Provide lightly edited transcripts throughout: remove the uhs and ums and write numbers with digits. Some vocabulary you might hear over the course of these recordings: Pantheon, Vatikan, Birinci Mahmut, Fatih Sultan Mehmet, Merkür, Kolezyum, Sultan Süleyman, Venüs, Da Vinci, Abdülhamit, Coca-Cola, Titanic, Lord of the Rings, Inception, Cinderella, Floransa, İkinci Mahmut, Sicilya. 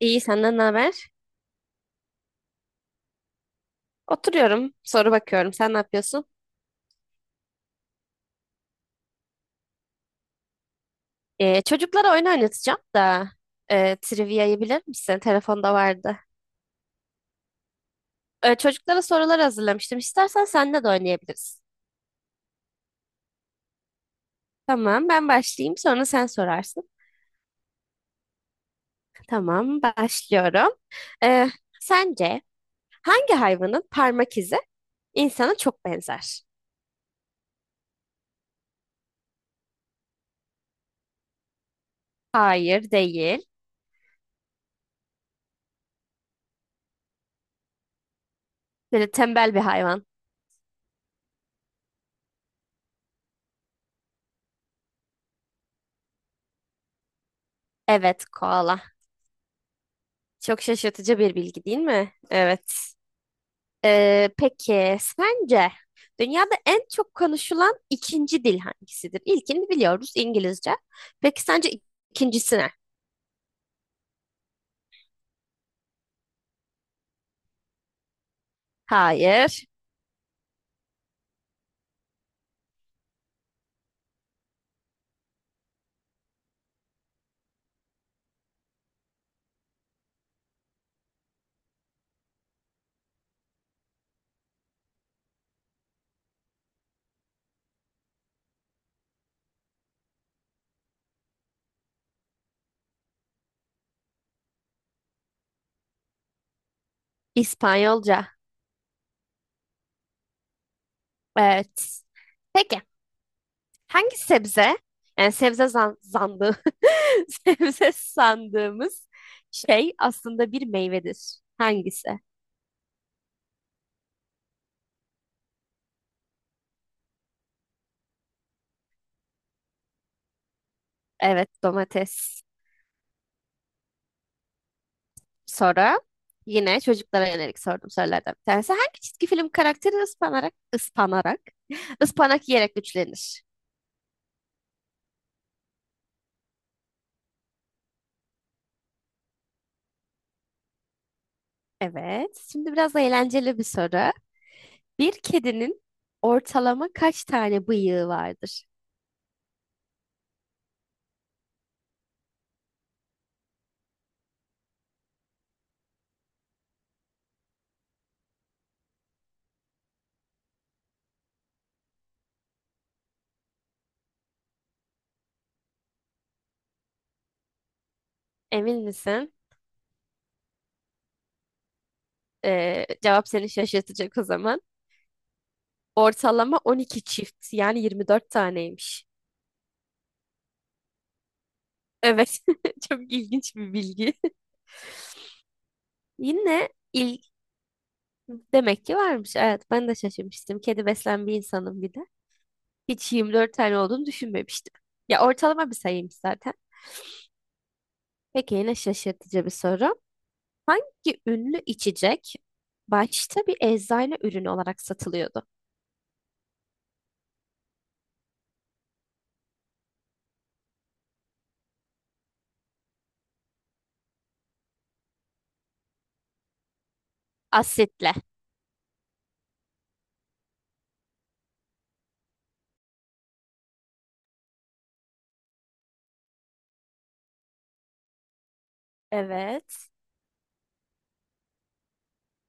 İyi senden ne haber? Oturuyorum, soru bakıyorum. Sen ne yapıyorsun? Çocuklara oyun oynatacağım da trivia'yı bilir misin? Telefonda vardı. Çocuklara sorular hazırlamıştım. İstersen seninle de oynayabiliriz. Tamam, ben başlayayım. Sonra sen sorarsın. Tamam, başlıyorum. Ee, Sence hangi hayvanın parmak izi insana çok benzer? Hayır, değil. Böyle tembel bir hayvan. Evet, koala. Çok şaşırtıcı bir bilgi değil mi? Evet. Peki sence dünyada en çok konuşulan ikinci dil hangisidir? İlkini biliyoruz, İngilizce. Peki sence ikincisi ne? Hayır, İspanyolca. Evet. Peki hangi sebze? Yani sebze zan zandı. Sebze sandığımız şey aslında bir meyvedir. Hangisi? Evet, domates. Soru. Yine çocuklara yönelik sorduğum sorulardan bir tanesi. Hangi çizgi film karakteri ıspanak yiyerek güçlenir? Evet. Şimdi biraz eğlenceli bir soru. Bir kedinin ortalama kaç tane bıyığı vardır? Emin misin? Cevap seni şaşırtacak o zaman. Ortalama 12 çift, yani 24 taneymiş. Evet. Çok ilginç bir bilgi. Yine ilk demek ki varmış. Evet, ben de şaşırmıştım. Kedi besleyen bir insanım bir de. Hiç 24 tane olduğunu düşünmemiştim. Ya ortalama bir sayıymış zaten. Peki yine şaşırtıcı bir soru. Hangi ünlü içecek başta bir eczane ürünü olarak satılıyordu? Asitle. Evet.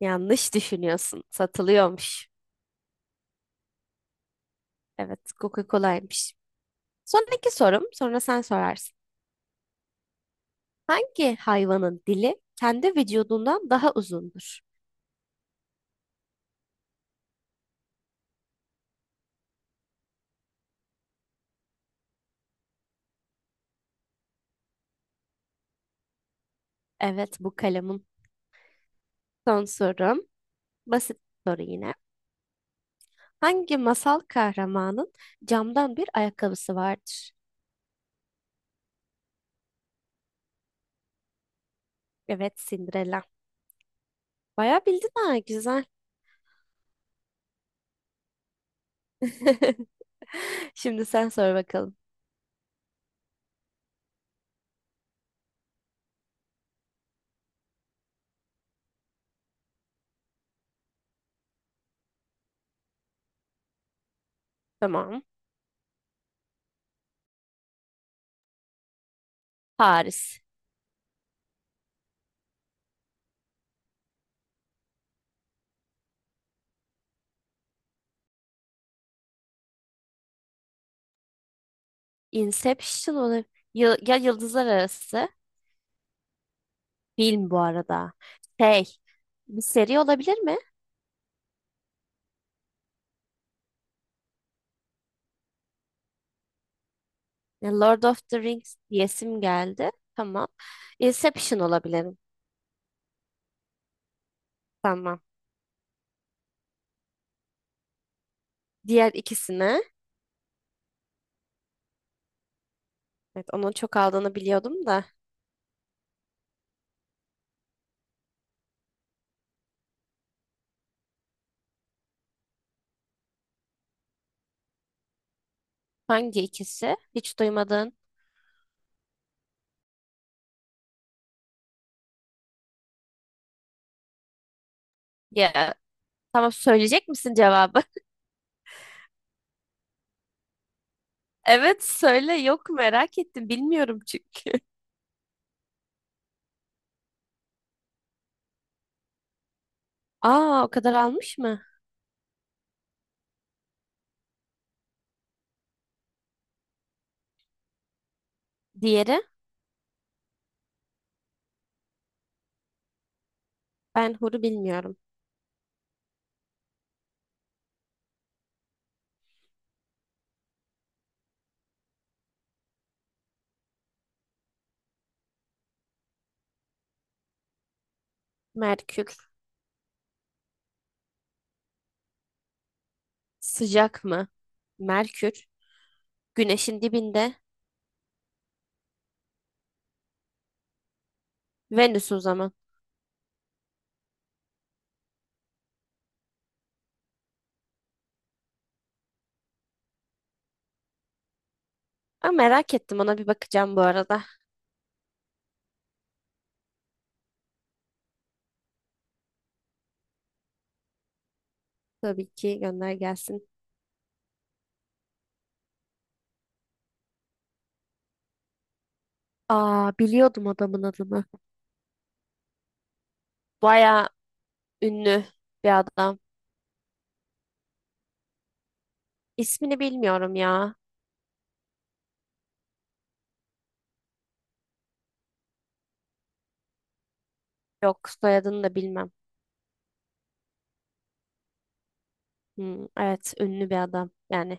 Yanlış düşünüyorsun. Satılıyormuş. Evet, Coca-Cola'ymış. Sonraki sorum, sonra sen sorarsın. Hangi hayvanın dili kendi vücudundan daha uzundur? Evet, bu kalemin son sorum. Basit soru yine. Hangi masal kahramanın camdan bir ayakkabısı vardır? Evet, Cinderella. Bayağı bildin ha, güzel. Şimdi sen sor bakalım. Tamam. Paris. Inception olabilir. Ya, ya Yıldızlar Arası. Film bu arada. Şey, bir seri olabilir mi? Ya, Lord of the Rings diyesim geldi. Tamam. Inception olabilirim. Tamam. Diğer ikisine. Evet, onun çok aldığını biliyordum da. Hangi ikisi? Hiç duymadın. Ya, tamam söyleyecek misin cevabı? Evet söyle, yok merak ettim bilmiyorum çünkü. Aa, o kadar almış mı? Diğeri ben huru bilmiyorum. Merkür sıcak mı? Merkür güneşin dibinde. Venüs o zaman. Aa, merak ettim, ona bir bakacağım bu arada. Tabii ki gönder gelsin. Aa, biliyordum adamın adını. Baya ünlü bir adam. İsmini bilmiyorum ya. Yok, soyadını da bilmem. Hmm, evet, ünlü bir adam yani.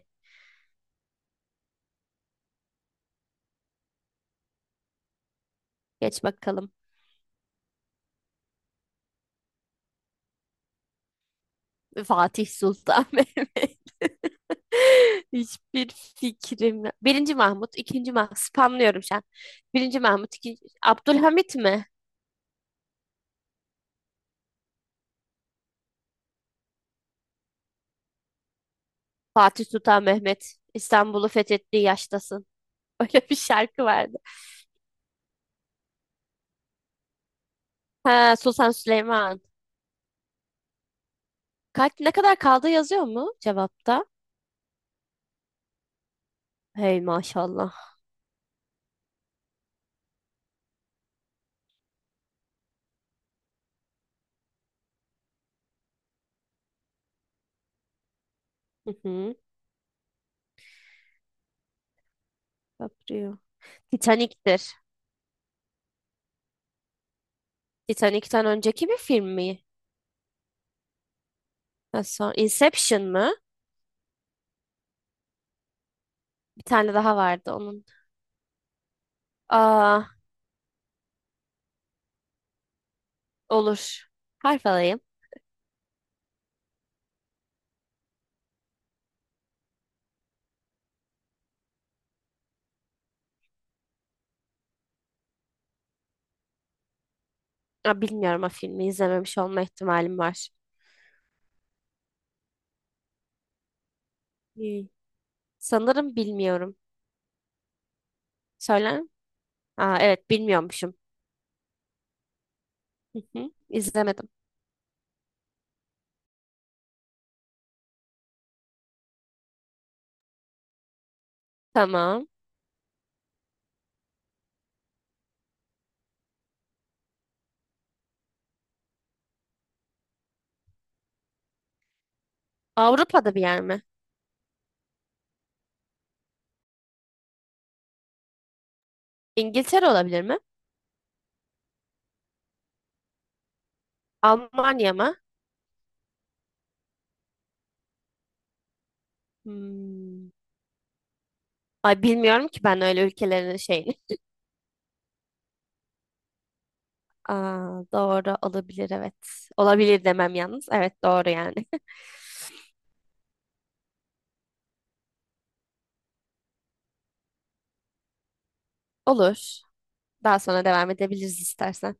Geç bakalım. Fatih Sultan Mehmet. Hiçbir fikrim yok. Birinci Mahmut, ikinci Mahmut. Spamlıyorum şu an. Birinci Mahmut, ikinci... Abdülhamit mi? Fatih Sultan Mehmet. İstanbul'u fethettiği yaştasın. Öyle bir şarkı vardı. Ha, Sultan Süleyman. Kaç, ne kadar kaldı yazıyor mu cevapta? Hey maşallah. Hı hı. Caprio. Titanic'tir. Titanic'ten önceki bir film mi? Ha, son- Inception mı? Bir tane daha vardı onun. Aa, olur. Harf alayım. Aa, bilmiyorum, o filmi izlememiş olma ihtimalim var. Hmm. Sanırım bilmiyorum. Söyler mi? Aa, evet bilmiyormuşum. Hı hı, İzlemedim. Tamam. Avrupa'da bir yer mi? İngiltere olabilir mi? Almanya mı? Hmm. Ay, bilmiyorum ki ben öyle ülkelerin şeyini. Aa, doğru olabilir evet. Olabilir demem yalnız. Evet, doğru yani. Olur. Daha sonra devam edebiliriz istersen.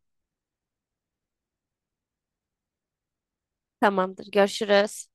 Tamamdır. Görüşürüz.